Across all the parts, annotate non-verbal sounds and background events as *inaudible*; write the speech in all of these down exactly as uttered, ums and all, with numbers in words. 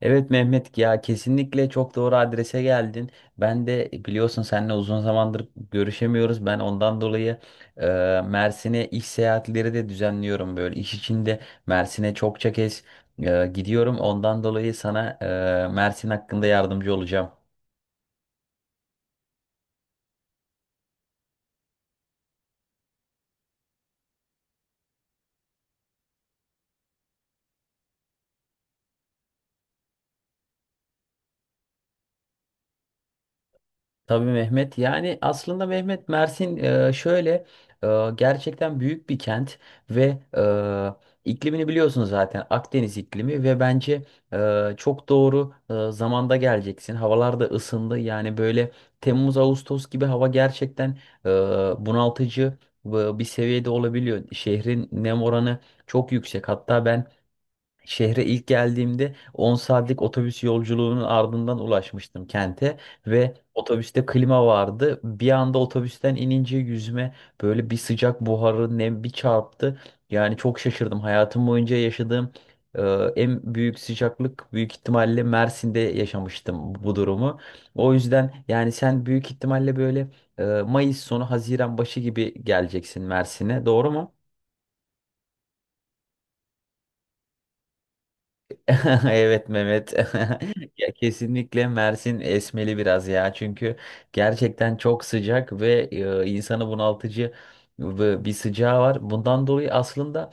Evet Mehmet, ya kesinlikle çok doğru adrese geldin. Ben de e, biliyorsun seninle uzun zamandır görüşemiyoruz. Ben ondan dolayı e, Mersin'e iş seyahatleri de düzenliyorum böyle. İş içinde Mersin'e çokça kez e, gidiyorum. Ondan dolayı sana e, Mersin hakkında yardımcı olacağım. Tabii Mehmet, yani aslında Mehmet, Mersin e, şöyle e, gerçekten büyük bir kent ve e, iklimini biliyorsun zaten, Akdeniz iklimi. Ve bence e, çok doğru e, zamanda geleceksin. Havalar da ısındı, yani böyle Temmuz Ağustos gibi hava gerçekten e, bunaltıcı e, bir seviyede olabiliyor. Şehrin nem oranı çok yüksek. Hatta ben Şehre ilk geldiğimde on saatlik otobüs yolculuğunun ardından ulaşmıştım kente ve otobüste klima vardı. Bir anda otobüsten inince yüzüme böyle bir sıcak buharı, nem, bir çarptı. Yani çok şaşırdım. Hayatım boyunca yaşadığım e, en büyük sıcaklık büyük ihtimalle Mersin'de, yaşamıştım bu durumu. O yüzden yani sen büyük ihtimalle böyle e, Mayıs sonu Haziran başı gibi geleceksin Mersin'e, doğru mu? *laughs* Evet Mehmet. *laughs* Ya kesinlikle Mersin esmeli biraz ya. Çünkü gerçekten çok sıcak ve e, insanı bunaltıcı ve bir sıcağı var. Bundan dolayı aslında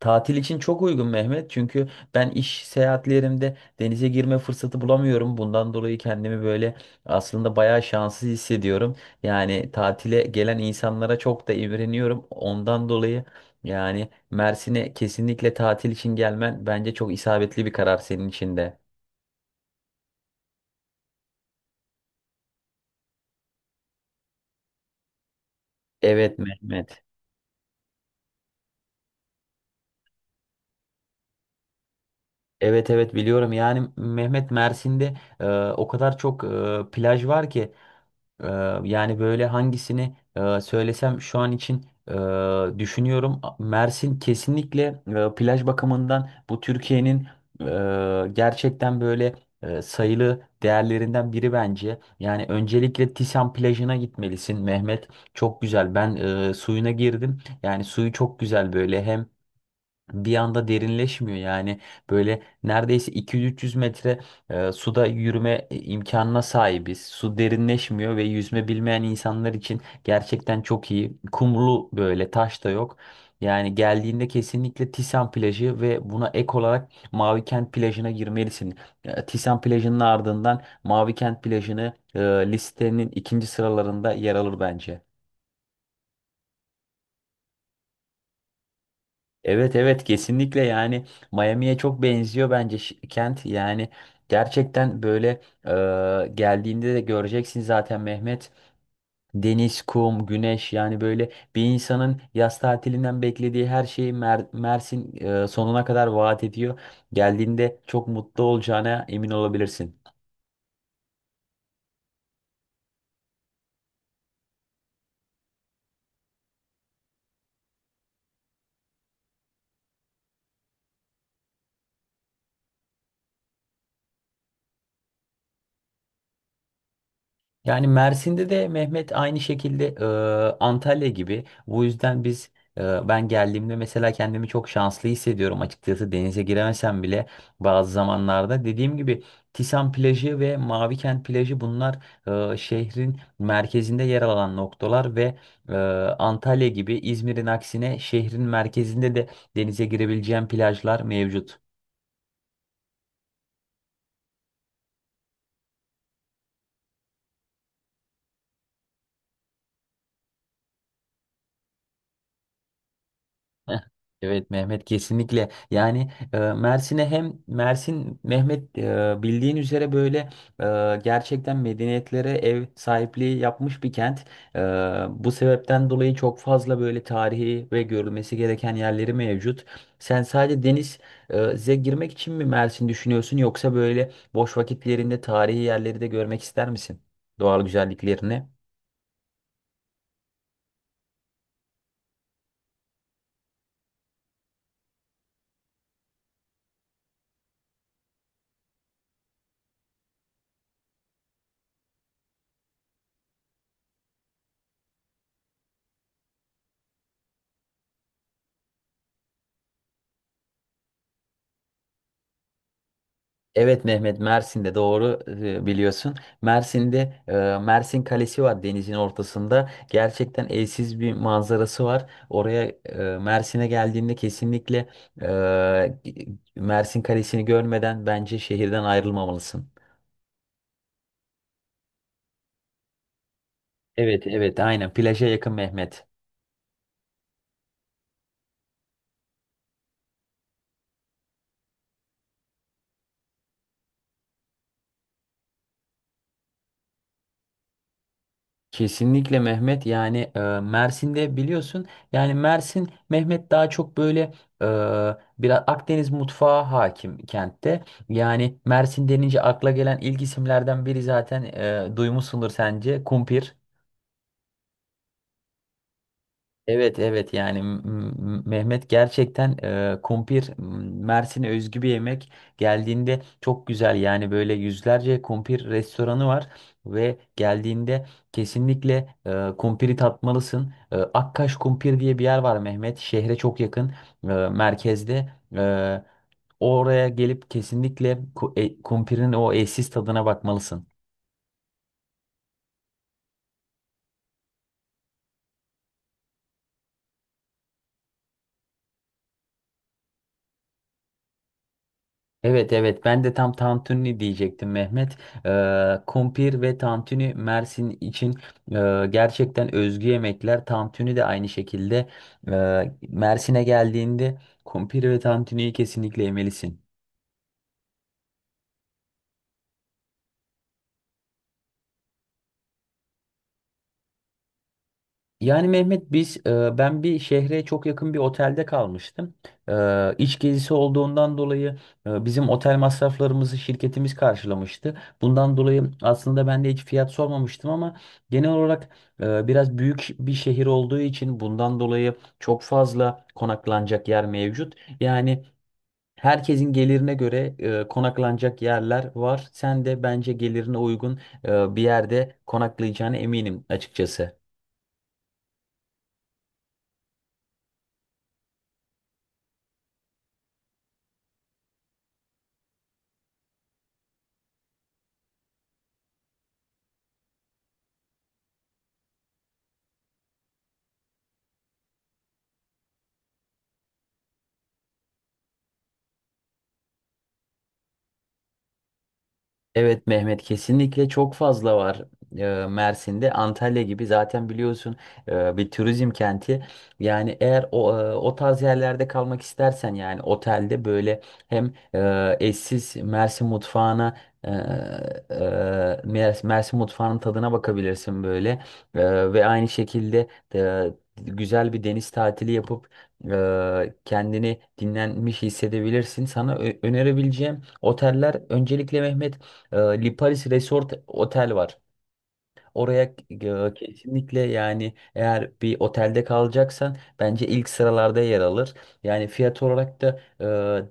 Tatil için çok uygun Mehmet. Çünkü ben iş seyahatlerimde denize girme fırsatı bulamıyorum. Bundan dolayı kendimi böyle aslında bayağı şanssız hissediyorum. Yani tatile gelen insanlara çok da imreniyorum. Ondan dolayı yani Mersin'e kesinlikle tatil için gelmen bence çok isabetli bir karar, senin için de. Evet Mehmet. Evet, evet biliyorum. Yani Mehmet, Mersin'de e, o kadar çok e, plaj var ki. Ee, Yani böyle hangisini e, söylesem şu an için e, düşünüyorum. Mersin kesinlikle e, plaj bakımından bu Türkiye'nin e, gerçekten böyle e, sayılı değerlerinden biri bence. Yani öncelikle Tisan plajına gitmelisin Mehmet. Çok güzel. Ben e, suyuna girdim. Yani suyu çok güzel. Böyle hem bir anda derinleşmiyor, yani böyle neredeyse iki yüz üç yüz metre e, suda yürüme imkanına sahibiz. Su derinleşmiyor ve yüzme bilmeyen insanlar için gerçekten çok iyi. Kumlu, böyle taş da yok. Yani geldiğinde kesinlikle Tisan plajı ve buna ek olarak Mavikent plajına girmelisin. E, Tisan plajının ardından Mavikent plajını e, listenin ikinci sıralarında yer alır bence. Evet, evet kesinlikle, yani Miami'ye çok benziyor bence şi- kent. Yani gerçekten böyle, e, geldiğinde de göreceksin zaten Mehmet, deniz, kum, güneş. Yani böyle bir insanın yaz tatilinden beklediği her şeyi Mer- Mersin e, sonuna kadar vaat ediyor. Geldiğinde çok mutlu olacağına emin olabilirsin. Yani Mersin'de de Mehmet aynı şekilde, e, Antalya gibi. Bu yüzden biz, e, ben geldiğimde mesela kendimi çok şanslı hissediyorum açıkçası, denize giremesem bile bazı zamanlarda. Dediğim gibi Tisan plajı ve Mavikent plajı bunlar e, şehrin merkezinde yer alan noktalar ve e, Antalya gibi, İzmir'in aksine şehrin merkezinde de denize girebileceğim plajlar mevcut. *laughs* Heh. Evet Mehmet, kesinlikle, yani e, Mersin'e hem, Mersin Mehmet e, bildiğin üzere böyle e, gerçekten medeniyetlere ev sahipliği yapmış bir kent. E, Bu sebepten dolayı çok fazla böyle tarihi ve görülmesi gereken yerleri mevcut. Sen sadece deniz e, girmek için mi Mersin düşünüyorsun, yoksa böyle boş vakitlerinde tarihi yerleri de görmek ister misin? Doğal güzelliklerini. Evet Mehmet, Mersin'de doğru e, biliyorsun. Mersin'de e, Mersin Kalesi var denizin ortasında. Gerçekten eşsiz bir manzarası var. Oraya, e, Mersin'e geldiğinde kesinlikle e, Mersin Kalesi'ni görmeden bence şehirden ayrılmamalısın. Evet, evet aynen, plaja yakın Mehmet. Kesinlikle Mehmet, yani e, Mersin'de biliyorsun, yani Mersin Mehmet daha çok böyle e, biraz Akdeniz mutfağı hakim kentte. Yani Mersin denince akla gelen ilk isimlerden biri zaten, e, duymuşsundur sence, kumpir. Evet, evet yani M- M- Mehmet, gerçekten e, kumpir m, Mersin'e özgü bir yemek. Geldiğinde çok güzel, yani böyle yüzlerce kumpir restoranı var ve geldiğinde kesinlikle e, kumpiri tatmalısın. E, Akkaş Kumpir diye bir yer var Mehmet, şehre çok yakın, e, merkezde. E, oraya gelip kesinlikle ku- e, kumpirin o eşsiz tadına bakmalısın. Evet, evet ben de tam tantuni diyecektim Mehmet. Ee, kumpir ve tantuni Mersin için e, gerçekten özgü yemekler. Tantuni de aynı şekilde, e, Mersin'e geldiğinde kumpir ve tantuniyi kesinlikle yemelisin. Yani Mehmet biz, e, ben bir şehre çok yakın bir otelde kalmıştım. E, iç gezisi olduğundan dolayı e, bizim otel masraflarımızı şirketimiz karşılamıştı. Bundan dolayı aslında ben de hiç fiyat sormamıştım ama genel olarak e, biraz büyük bir şehir olduğu için, bundan dolayı çok fazla konaklanacak yer mevcut. Yani herkesin gelirine göre e, konaklanacak yerler var. Sen de bence gelirine uygun e, bir yerde konaklayacağına eminim açıkçası. Evet Mehmet, kesinlikle çok fazla var e, Mersin'de. Antalya gibi zaten biliyorsun, e, bir turizm kenti. Yani eğer o, e, o tarz yerlerde kalmak istersen, yani otelde böyle hem e, eşsiz Mersin mutfağına, e, e, Mer- Mersin mutfağının tadına bakabilirsin böyle. E, ve aynı şekilde e, güzel bir deniz tatili yapıp e, kendini dinlenmiş hissedebilirsin. Sana ö- önerebileceğim oteller öncelikle Mehmet, e, Liparis Resort Otel var. Oraya e, kesinlikle, yani eğer bir otelde kalacaksan bence ilk sıralarda yer alır. Yani fiyat olarak da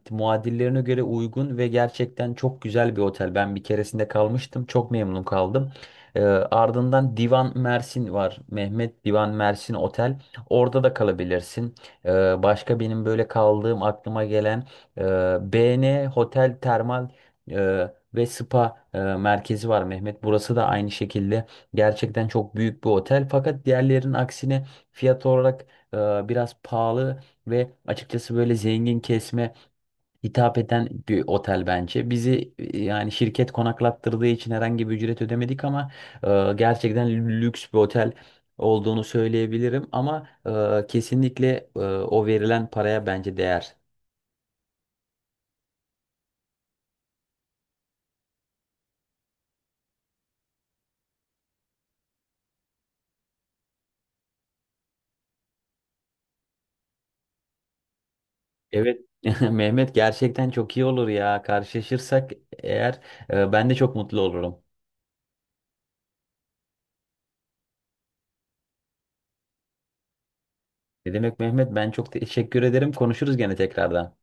e, muadillerine göre uygun ve gerçekten çok güzel bir otel. Ben bir keresinde kalmıştım. Çok memnun kaldım. E, ardından Divan Mersin var. Mehmet, Divan Mersin Otel. Orada da kalabilirsin. E, başka benim böyle kaldığım aklıma gelen e, B N Hotel Termal e, ve Spa e, merkezi var Mehmet. Burası da aynı şekilde Gerçekten çok büyük bir otel, fakat diğerlerinin aksine fiyat olarak e, biraz pahalı ve açıkçası böyle zengin kesme hitap eden bir otel bence. Bizi, e, yani şirket konaklattırdığı için herhangi bir ücret ödemedik ama e, gerçekten lüks bir otel olduğunu söyleyebilirim ama e, kesinlikle e, o verilen paraya bence değer. Evet. *laughs* Mehmet, gerçekten çok iyi olur ya. Karşılaşırsak eğer, e, ben de çok mutlu olurum. Ne demek Mehmet? Ben çok teşekkür ederim. Konuşuruz gene tekrardan.